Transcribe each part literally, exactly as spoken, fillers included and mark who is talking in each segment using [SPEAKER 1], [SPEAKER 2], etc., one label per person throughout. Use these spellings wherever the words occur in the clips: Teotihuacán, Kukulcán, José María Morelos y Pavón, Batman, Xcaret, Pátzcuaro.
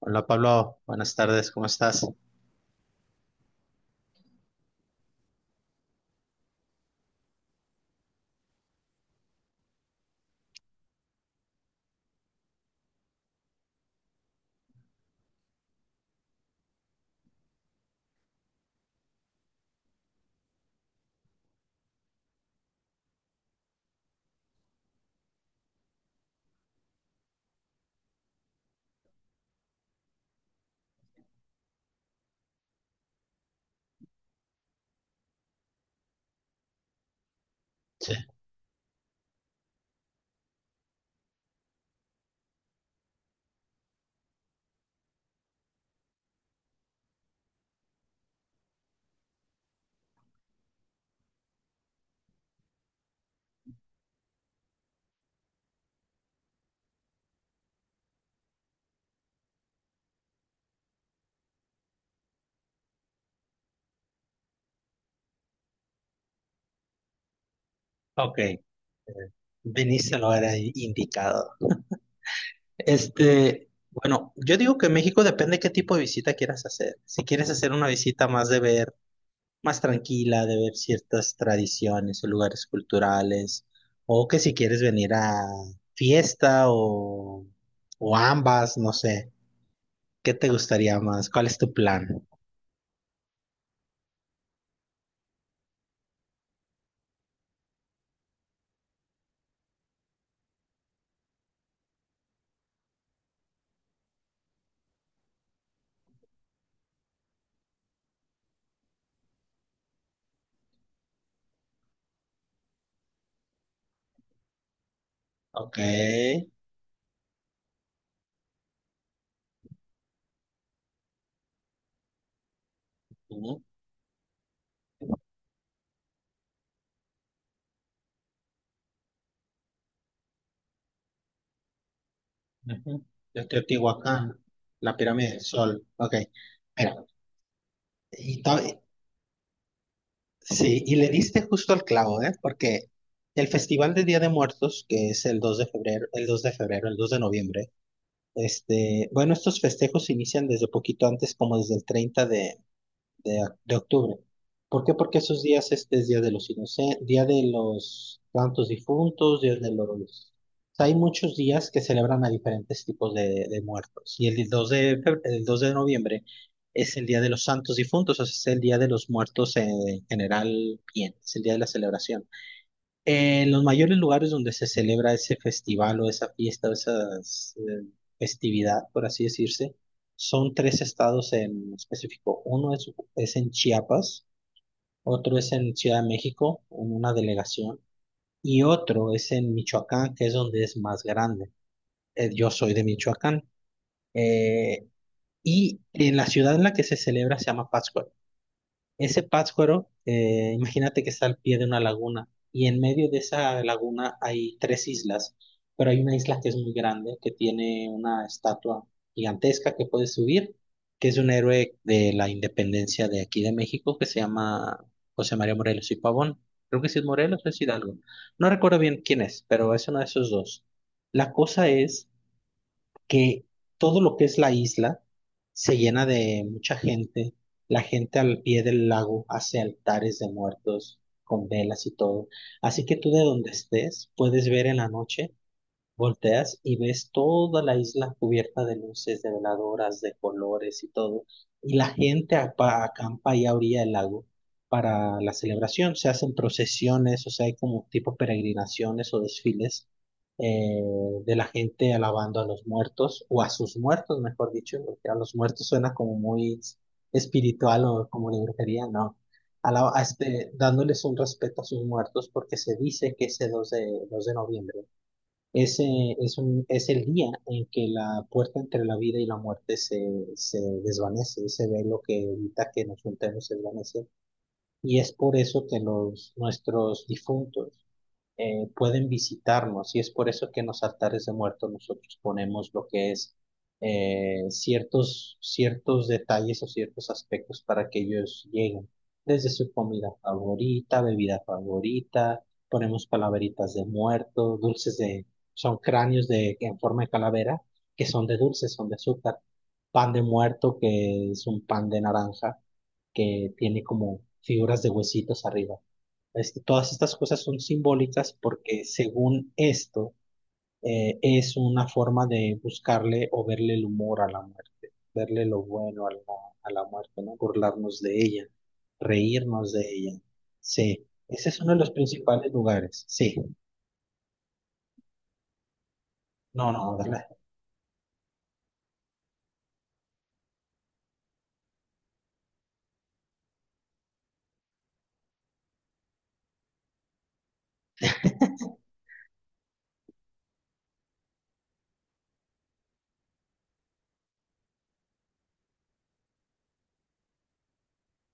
[SPEAKER 1] Hola Pablo, buenas tardes, ¿cómo estás? Ok, eh, viniste a lo era indicado. Este, bueno, yo digo que México depende qué tipo de visita quieras hacer. Si quieres hacer una visita más de ver, más tranquila, de ver ciertas tradiciones o lugares culturales, o que si quieres venir a fiesta o, o ambas, no sé, ¿qué te gustaría más? ¿Cuál es tu plan? Ok. Ujú. Yo estoy en Teotihuacán, la pirámide del Sol. Ok, mira, y to- sí, y le diste justo al clavo, ¿eh? Porque el Festival de Día de Muertos, que es el dos de febrero, el dos de febrero, el dos de noviembre, este, bueno, estos festejos se inician desde poquito antes, como desde el treinta de, de, de octubre. ¿Por qué? Porque esos días este es Día de los Inocentes, Día de los Santos Difuntos, Día de los... O sea, hay muchos días que celebran a diferentes tipos de, de muertos. Y el dos de, febr- el dos de noviembre es el Día de los Santos Difuntos, o sea, es el Día de los Muertos eh, en general bien, es el día de la celebración. En los mayores lugares donde se celebra ese festival o esa fiesta o esa festividad, por así decirse, son tres estados en específico. Uno es, es en Chiapas, otro es en Ciudad de México, en una delegación, y otro es en Michoacán, que es donde es más grande. Eh, yo soy de Michoacán. Eh, y en la ciudad en la que se celebra se llama Pátzcuaro. Ese Pátzcuaro, eh, imagínate que está al pie de una laguna y en medio de esa laguna hay tres islas, pero hay una isla que es muy grande, que tiene una estatua gigantesca que puedes subir, que es un héroe de la independencia de aquí de México que se llama José María Morelos y Pavón. Creo que sí es Morelos o es Hidalgo. No recuerdo bien quién es, pero es uno de esos dos. La cosa es que todo lo que es la isla se llena de mucha gente. La gente al pie del lago hace altares de muertos con velas y todo. Así que tú de donde estés puedes ver en la noche. Volteas y ves toda la isla cubierta de luces, de veladoras, de colores y todo. Y la gente apa- acampa ahí a orilla del lago para la celebración. Se hacen procesiones, o sea, hay como tipo peregrinaciones o desfiles eh, de la gente alabando a los muertos, o a sus muertos, mejor dicho, porque a los muertos suena como muy espiritual o como de brujería, no. Alaba- a este- dándoles un respeto a sus muertos porque se dice que ese dos de, dos de noviembre ese es, un, es el día en que la puerta entre la vida y la muerte se, se desvanece, ese velo que evita que nos juntemos se desvanece. Y es por eso que los, nuestros difuntos eh, pueden visitarnos y es por eso que en los altares de muertos nosotros ponemos lo que es eh, ciertos, ciertos detalles o ciertos aspectos para que ellos lleguen, desde su comida favorita, bebida favorita, ponemos calaveritas de muertos, dulces de, son cráneos de, en forma de calavera, que son de dulces, son de azúcar, pan de muerto, que es un pan de naranja, que tiene como figuras de huesitos arriba. Este, todas estas cosas son simbólicas porque según esto eh, es una forma de buscarle o verle el humor a la muerte, verle lo bueno a la, a la muerte, ¿no? Burlarnos de ella, reírnos de ella. Sí, ese es uno de los principales lugares. Sí, no, no, ¿verdad?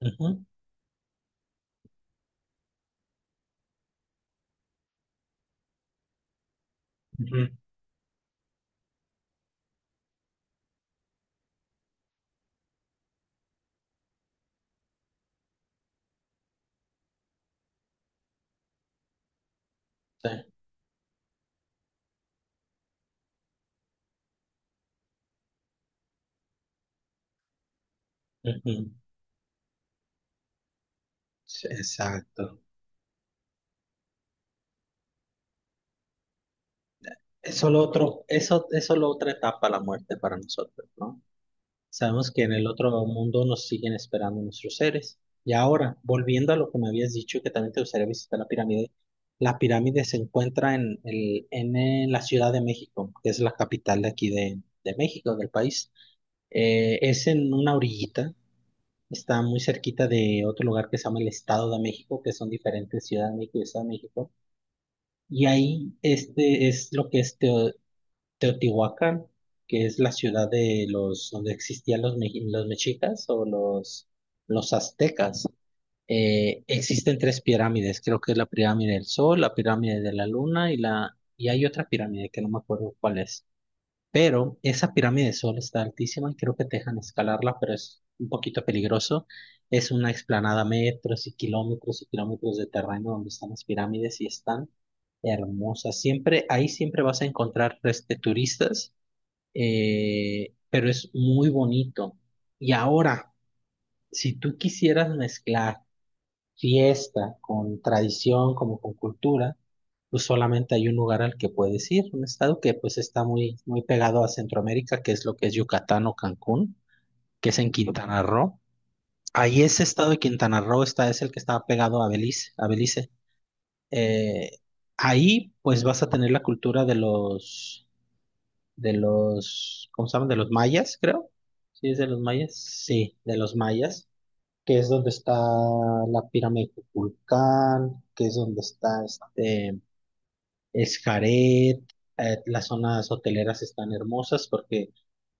[SPEAKER 1] Ujú, ujú, sí, ujú. Sí, exacto. Es solo otro, eso es solo otra etapa la muerte para nosotros, ¿no? Sabemos que en el otro mundo nos siguen esperando nuestros seres. Y ahora, volviendo a lo que me habías dicho, que también te gustaría visitar la pirámide, la pirámide se encuentra en, el, en, eh, la Ciudad de México, que es la capital de aquí de, de México, del país. Eh, es en una orillita, está muy cerquita de otro lugar que se llama el Estado de México, que son diferentes Ciudad de México y Estado de México. Y ahí este es lo que es Teo- Teotihuacán, que es la ciudad de los, donde existían los, meji- los mexicas o los, los aztecas. Eh, existen tres pirámides, creo que es la pirámide del Sol, la pirámide de la Luna y la, y hay otra pirámide que no me acuerdo cuál es. Pero esa pirámide del Sol está altísima y creo que te dejan escalarla, pero es un poquito peligroso. Es una explanada metros y kilómetros y kilómetros de terreno donde están las pirámides y están hermosas. Siempre, ahí siempre vas a encontrar este, turistas eh, pero es muy bonito. Y ahora, si tú quisieras mezclar fiesta con tradición, como con cultura, pues solamente hay un lugar al que puedes ir, un estado que pues está muy, muy pegado a Centroamérica, que es lo que es Yucatán o Cancún, que es en Quintana Roo. Ahí ese estado de Quintana Roo está, es el que está pegado a Belice, a Belice. Eh, Ahí pues vas a tener la cultura de los de los, ¿cómo se llaman? De los mayas, creo. Sí, es de los mayas. Sí, de los mayas, que es donde está la pirámide de Kukulcán, que es donde está este Xcaret, eh, las zonas hoteleras están hermosas porque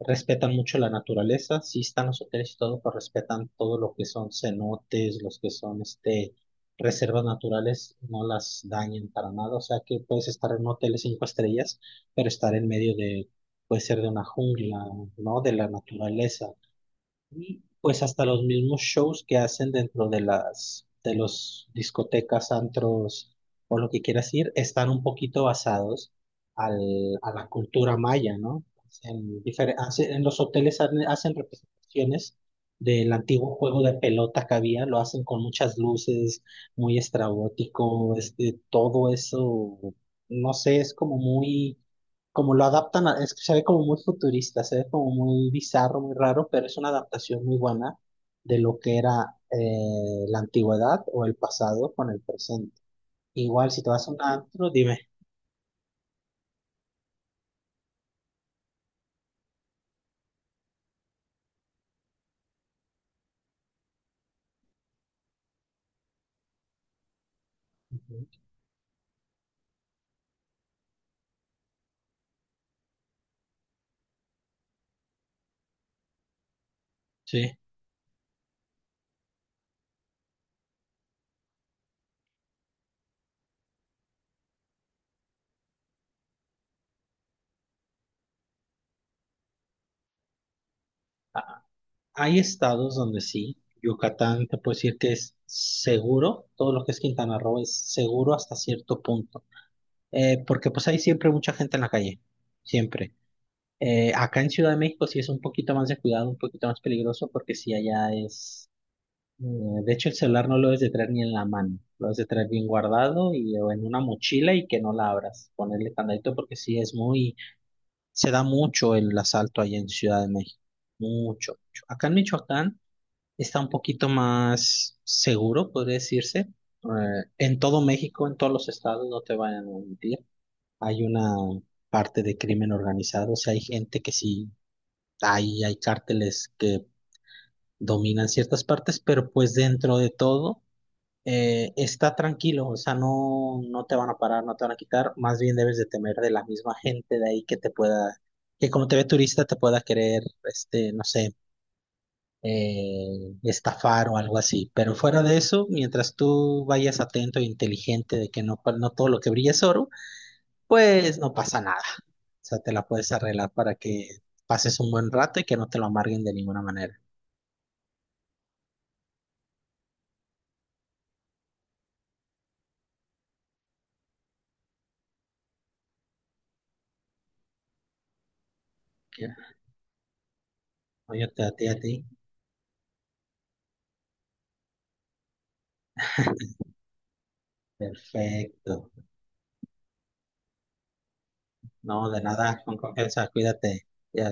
[SPEAKER 1] respetan mucho la naturaleza, sí están los hoteles y todo, pero respetan todo lo que son cenotes, los que son este, reservas naturales, no las dañan para nada. O sea que puedes estar en un hotel de cinco estrellas, pero estar en medio de, puede ser de una jungla, ¿no? De la naturaleza. Y pues hasta los mismos shows que hacen dentro de las de los discotecas, antros o lo que quieras ir, están un poquito basados al- a la cultura maya, ¿no? En difer- hace- en los hoteles han- hacen representaciones del antiguo juego de pelota que había, lo hacen con muchas luces, muy estrabótico, este, todo eso, no sé, es como muy como lo adaptan, a- es que se ve como muy futurista, se ve como muy bizarro, muy raro, pero es una adaptación muy buena de lo que era eh, la antigüedad o el pasado con el presente. Igual, si te vas a un antro, dime. Ujú. Sí. A- Hay estados donde sí, Yucatán te puedo decir que es seguro, todo lo que es Quintana Roo es seguro hasta cierto punto. Eh, porque pues hay siempre mucha gente en la calle, siempre. Eh, acá en Ciudad de México sí es un poquito más de cuidado, un poquito más peligroso, porque sí allá es. Eh, De hecho, el celular no lo debes de traer ni en la mano, lo debes de traer bien guardado y o en una mochila y que no la abras, ponerle candadito porque sí es muy, se da mucho el asalto allá en Ciudad de México, mucho, mucho. Acá en Michoacán está un poquito más seguro, podría decirse. Eh, en todo México, en todos los estados, no te vayan a mentir, hay una parte de crimen organizado, o sea, hay gente que sí, hay, hay cárteles que dominan ciertas partes, pero pues dentro de todo eh, está tranquilo, o sea, no, no te van a parar, no te van a quitar, más bien debes de temer de la misma gente de ahí que te pueda, que como te ve turista te pueda querer, este, no sé, eh, estafar o algo así. Pero fuera de eso, mientras tú vayas atento e inteligente de que no, no todo lo que brilla es oro, pues no pasa nada. O sea, te la puedes arreglar para que pases un buen rato y que no te lo amarguen de ninguna manera. Oye, te- a ti, a ti. Perfecto. No, de nada, con confianza, cuídate. Ya.